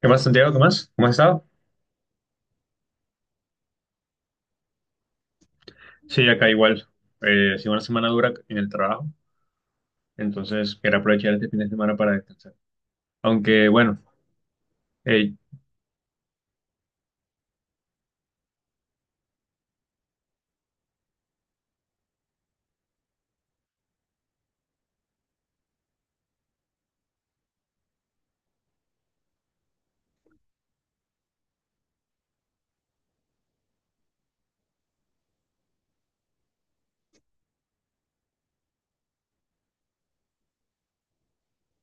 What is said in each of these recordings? ¿Qué más, Santiago? ¿Qué más? ¿Cómo has estado? Sí, acá igual. Ha sido una semana dura en el trabajo, entonces quería aprovechar este fin de semana para descansar. Aunque, bueno, eh,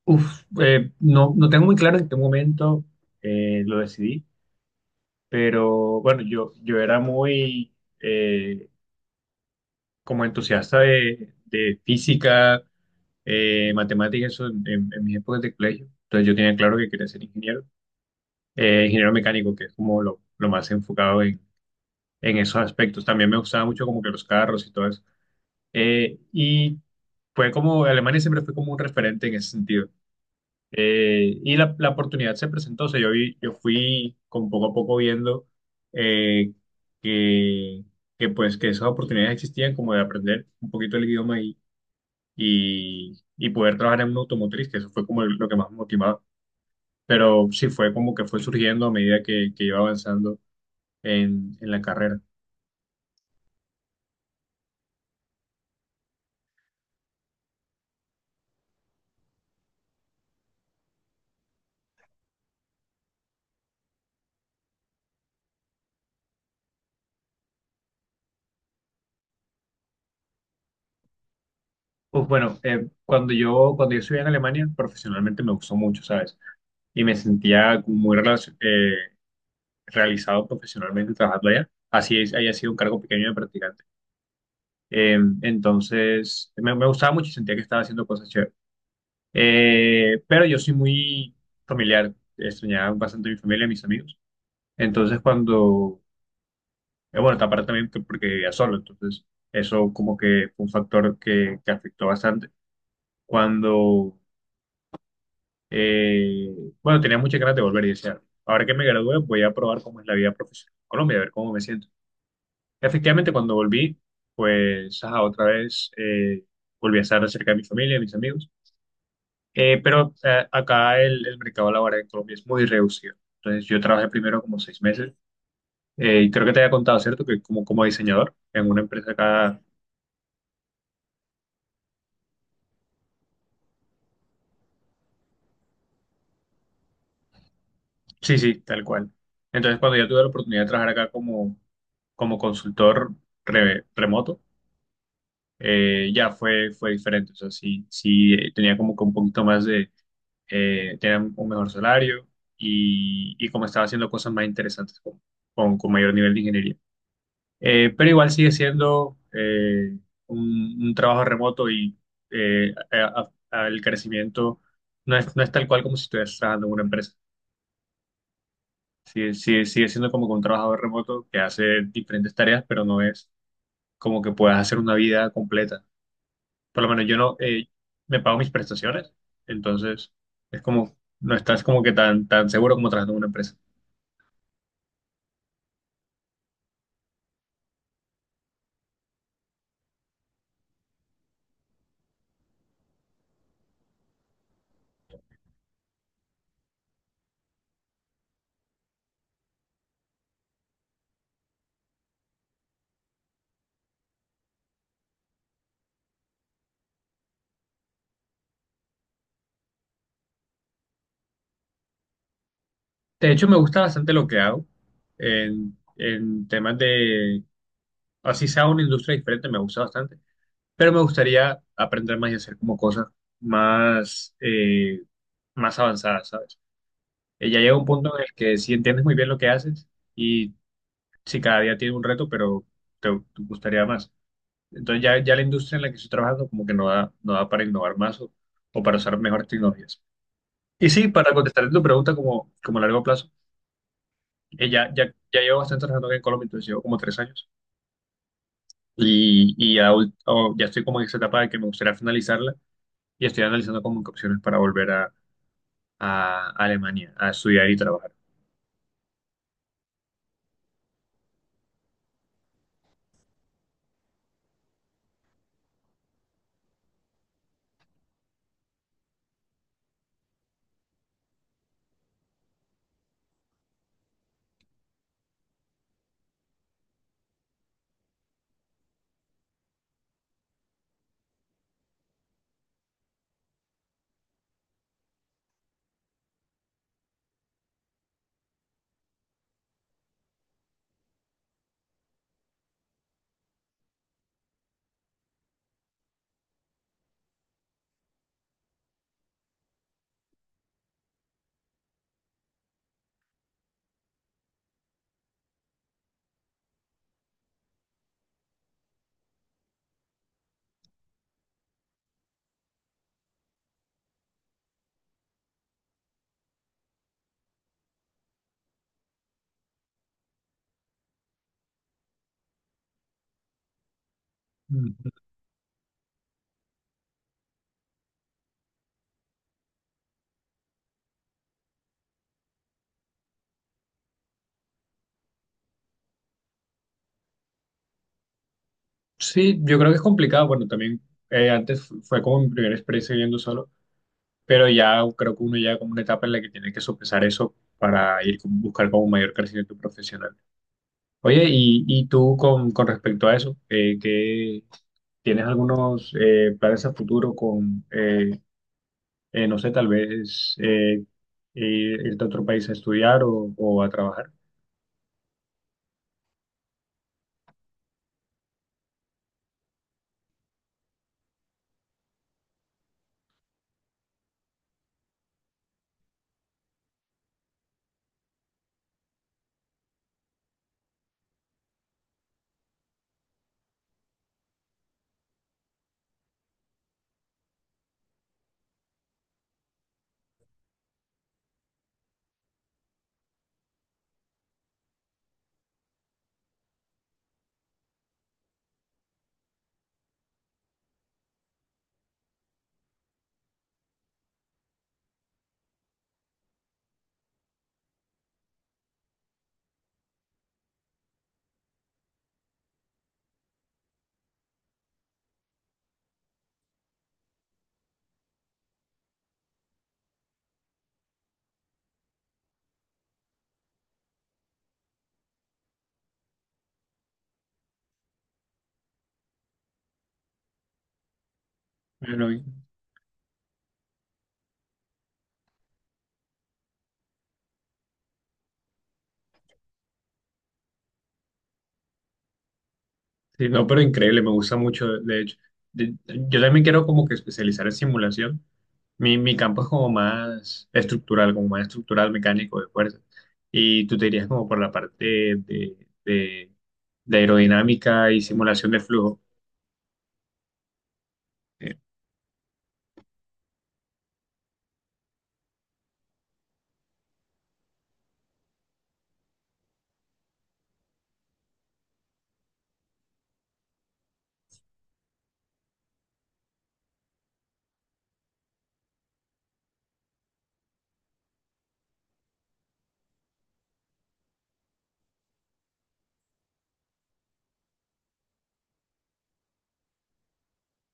no, no tengo muy claro en qué momento lo decidí, pero bueno, yo era muy eh, como entusiasta de física, matemáticas, eso en, en mis épocas de colegio. Entonces yo tenía claro que quería ser ingeniero, ingeniero mecánico, que es como lo más enfocado en esos aspectos. También me gustaba mucho como que los carros y todo eso. Y fue como, Alemania siempre fue como un referente en ese sentido. Y la, la oportunidad se presentó, o sea, yo vi, yo fui como poco a poco viendo eh, que, que pues que esas oportunidades existían como de aprender un poquito el idioma y poder trabajar en una automotriz, que eso fue como lo que más me motivaba. Pero sí fue como que fue surgiendo a medida que iba avanzando en la carrera. Pues bueno, cuando yo estudié en Alemania, profesionalmente me gustó mucho, ¿sabes? Y me sentía como muy realizado profesionalmente trabajando allá, así es, haya sido un cargo pequeño de practicante. Entonces, me, me gustaba mucho y sentía que estaba haciendo cosas chéveres. Pero yo soy muy familiar, extrañaba bastante a mi familia y a mis amigos. Entonces, cuando, bueno, aparte también porque vivía solo, entonces eso como que fue un factor que afectó bastante. Cuando Eh, bueno, tenía muchas ganas de volver y decía, ahora que me gradué voy a probar cómo es la vida profesional en Colombia, a ver cómo me siento. Efectivamente, cuando volví, pues ajá, otra vez volví a estar cerca de mi familia, de mis amigos. Acá el mercado laboral en Colombia es muy reducido. Entonces yo trabajé primero como seis meses y creo que te había contado, ¿cierto? Que como, como diseñador en una empresa acá, sí, sí, tal cual. Entonces cuando yo tuve la oportunidad de trabajar acá como, como consultor remoto, ya fue, fue diferente. O sea, sí, sí, tenía como que un poquito más de, tenía un mejor salario y como estaba haciendo cosas más interesantes con mayor nivel de ingeniería. Pero igual sigue siendo un trabajo remoto y el crecimiento no es, no es tal cual como si estuvieras trabajando en una empresa. Sigue, sigue, sigue siendo como que un trabajador remoto que hace diferentes tareas, pero no es como que puedas hacer una vida completa. Por lo menos yo no, me pago mis prestaciones, entonces es como, no estás como que tan, tan seguro como trabajando en una empresa. De hecho, me gusta bastante lo que hago en temas de, así sea una industria diferente, me gusta bastante, pero me gustaría aprender más y hacer como cosas más, más avanzadas, ¿sabes? Ya llega un punto en el que sí entiendes muy bien lo que haces y si cada día tiene un reto, pero te gustaría más. Entonces ya, ya la industria en la que estoy trabajando como que no da, no da para innovar más o para usar mejores tecnologías. Y sí, para contestar tu pregunta como, como a largo plazo, ya, ya, ya llevo bastante trabajando aquí en Colombia, entonces llevo como tres años y ya, ya estoy como en esa etapa de que me gustaría finalizarla y estoy analizando como qué opciones para volver a Alemania a estudiar y trabajar. Mm. Sí, yo creo que es complicado. Bueno, también antes fue como mi primera experiencia viviendo solo. Pero ya creo que uno llega como una etapa en la que tiene que sopesar eso para ir buscar como un mayor crecimiento profesional. Oye, y tú con respecto a eso, ¿qué- tienes algunos planes a futuro con, no sé, tal vez irte a otro país a estudiar o a trabajar? Bueno, sí, no, pero increíble, me gusta mucho, de hecho. De- yo también quiero como que especializar en simulación. Mi campo es como más estructural, mecánico, de fuerza. Y tú te irías como por la parte de, de- de aerodinámica y simulación de flujo. Eh,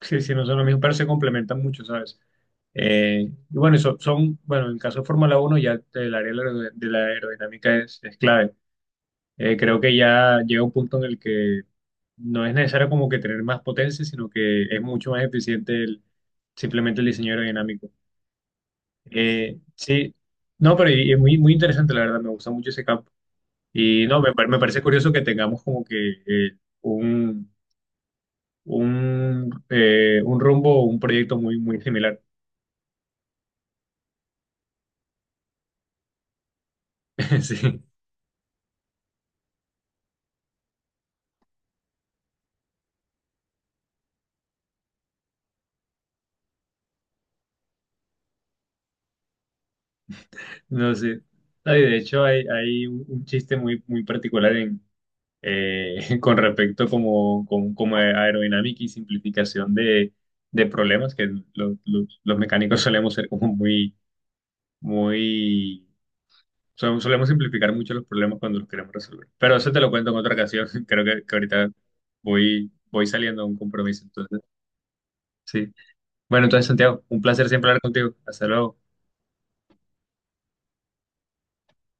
sí, sí, no son lo mismo, pero se complementan mucho, ¿sabes? Y bueno, eso son, bueno, en el caso de Fórmula Uno ya el área de la aerodinámica es clave. Creo que ya llega un punto en el que no es necesario como que tener más potencia, sino que es mucho más eficiente el, simplemente el diseño aerodinámico. Sí, no, pero y es muy, muy interesante, la verdad, me gusta mucho ese campo. Y no, me, me parece curioso que tengamos como que un rumbo, un proyecto muy, muy similar. Sí, no sé. Ay, de hecho, hay un chiste muy, muy particular en con respecto como, como, como a aerodinámica y simplificación de problemas que los mecánicos solemos ser como muy, muy, so- solemos simplificar mucho los problemas cuando los queremos resolver. Pero eso te lo cuento en otra ocasión, creo que ahorita voy, voy saliendo a un compromiso, entonces, sí. Bueno, entonces, Santiago, un placer siempre hablar contigo. Hasta luego.